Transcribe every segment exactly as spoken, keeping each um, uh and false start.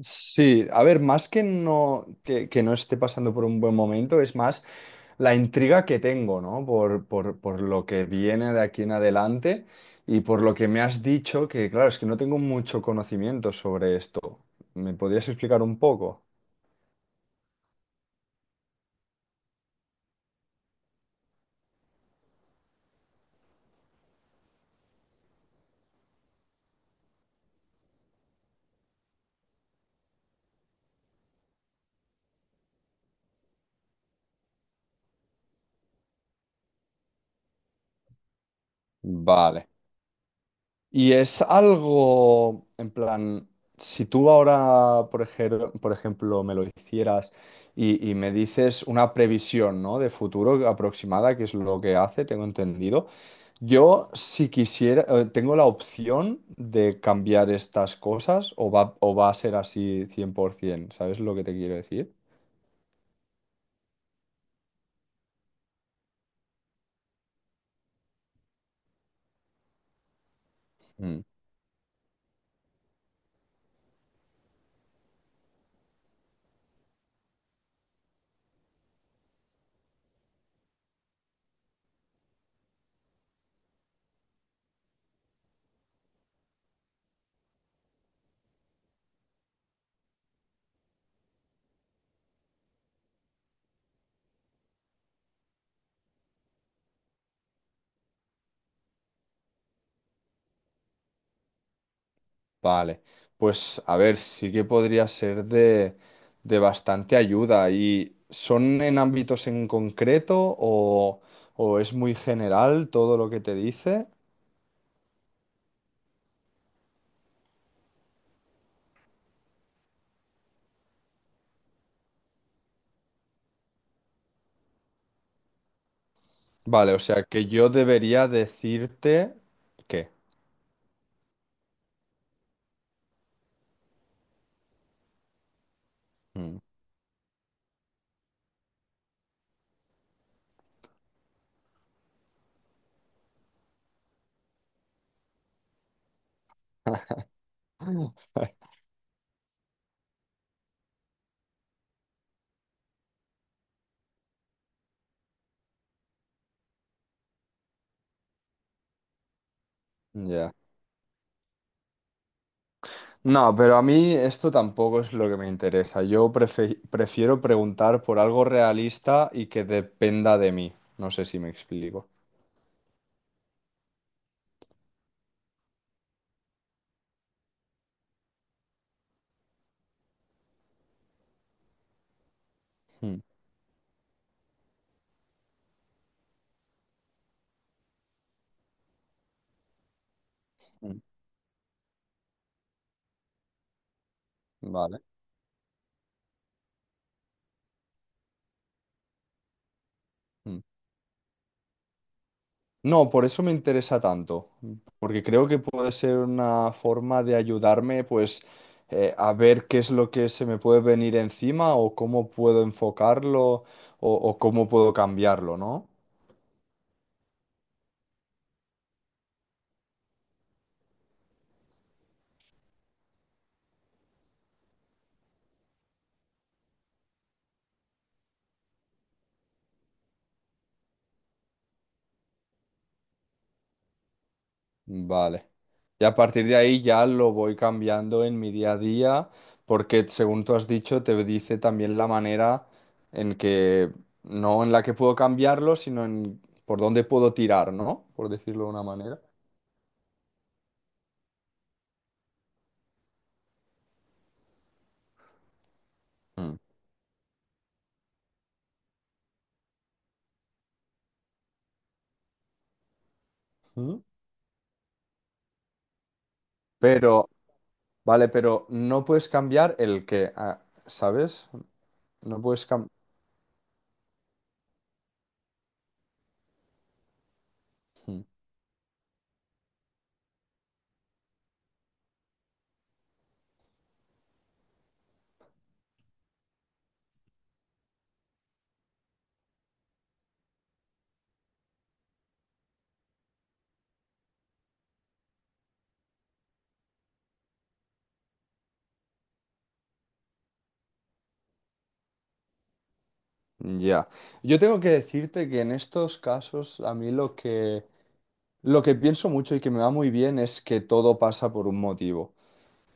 Sí, a ver, más que no, que, que no esté pasando por un buen momento, es más la intriga que tengo, ¿no? Por, por, por lo que viene de aquí en adelante y por lo que me has dicho, que claro, es que no tengo mucho conocimiento sobre esto. ¿Me podrías explicar un poco? Vale. Y es algo, en plan, si tú ahora, por ejemplo, por ejemplo, me lo hicieras y, y me dices una previsión, ¿no?, de futuro aproximada, que es lo que hace, tengo entendido. Yo, si quisiera, eh, tengo la opción de cambiar estas cosas o va, o va a ser así cien por ciento, ¿sabes lo que te quiero decir? Vale, pues a ver, sí que podría ser de, de bastante ayuda. ¿Y son en ámbitos en concreto o, o es muy general todo lo que te dice? Vale, o sea que yo debería decirte qué. Mm. Ya. No, pero a mí esto tampoco es lo que me interesa. Yo prefe- prefiero preguntar por algo realista y que dependa de mí. No sé si me explico. Mm. Mm. Vale. Mm. No, por eso me interesa tanto, porque creo que puede ser una forma de ayudarme, pues, eh, a ver qué es lo que se me puede venir encima o cómo puedo enfocarlo o, o cómo puedo cambiarlo, ¿no? Vale. Y a partir de ahí ya lo voy cambiando en mi día a día, porque según tú has dicho, te dice también la manera en que, no en la que puedo cambiarlo, sino en por dónde puedo tirar, ¿no? Por decirlo de una manera. Mm. Pero, vale, pero no puedes cambiar el que, ah, ¿sabes? No puedes cambiar. Ya. Yo tengo que decirte que en estos casos a mí lo que lo que pienso mucho y que me va muy bien es que todo pasa por un motivo.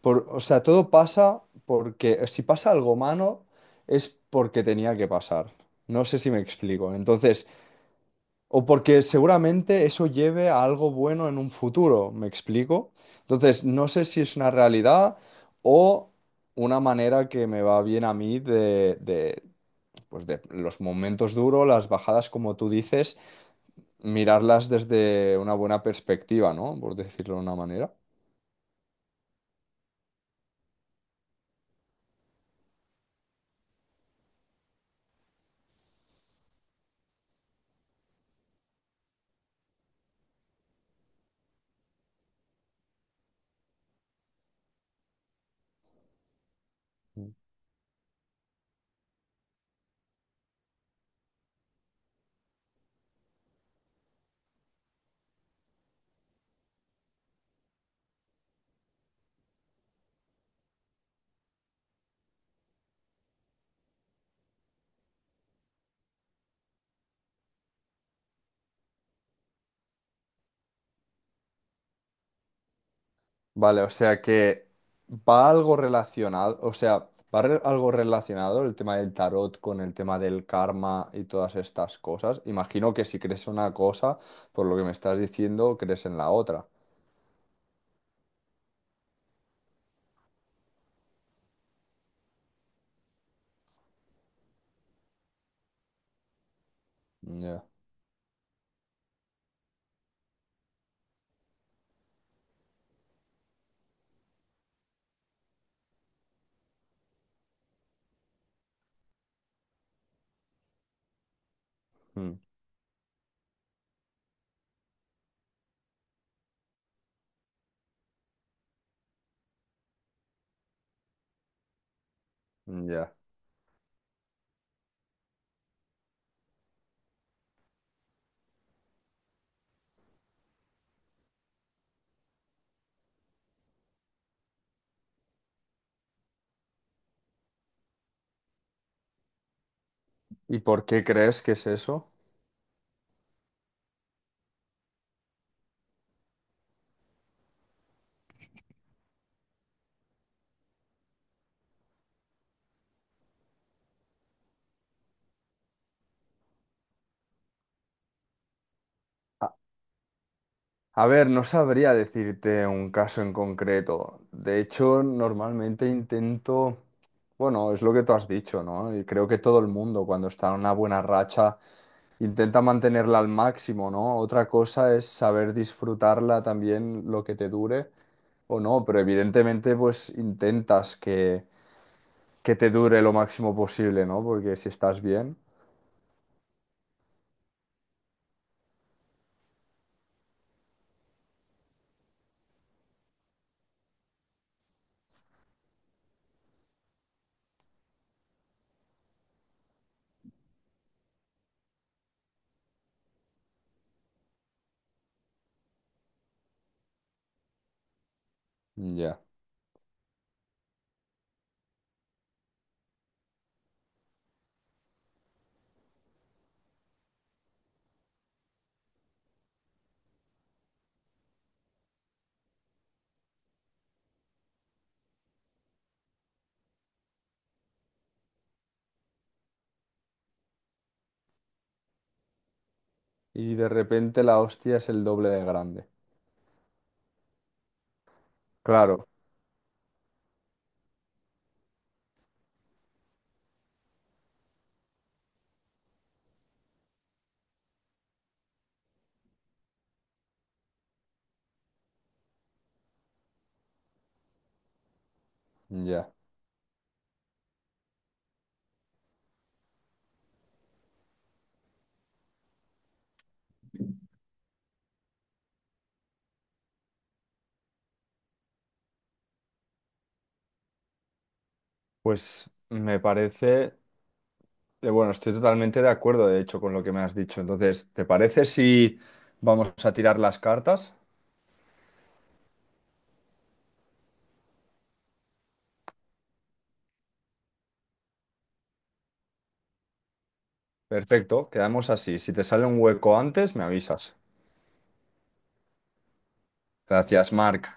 Por, o sea, todo pasa porque si pasa algo malo es porque tenía que pasar. No sé si me explico. Entonces, o porque seguramente eso lleve a algo bueno en un futuro, ¿me explico? Entonces, no sé si es una realidad o una manera que me va bien a mí de, de, pues de los momentos duros, las bajadas, como tú dices, mirarlas desde una buena perspectiva, ¿no? Por decirlo de una manera. Vale, o sea que va algo relacionado, o sea, va re- algo relacionado el tema del tarot con el tema del karma y todas estas cosas. Imagino que si crees una cosa, por lo que me estás diciendo, crees en la otra. Ya. Mm. Ya. ¿Y por qué crees que es eso? A a ver, no sabría decirte un caso en concreto. De hecho, normalmente intento, bueno, es lo que tú has dicho, ¿no? Y creo que todo el mundo cuando está en una buena racha intenta mantenerla al máximo, ¿no? Otra cosa es saber disfrutarla también lo que te dure o no, pero evidentemente pues intentas que, que te dure lo máximo posible, ¿no? Porque si estás bien, ya. Y de repente la hostia es el doble de grande. Claro, ya. Pues me parece, eh, bueno, estoy totalmente de acuerdo, de hecho, con lo que me has dicho. Entonces, ¿te parece si vamos a tirar las cartas? Perfecto, quedamos así. Si te sale un hueco antes, me avisas. Gracias, Marc.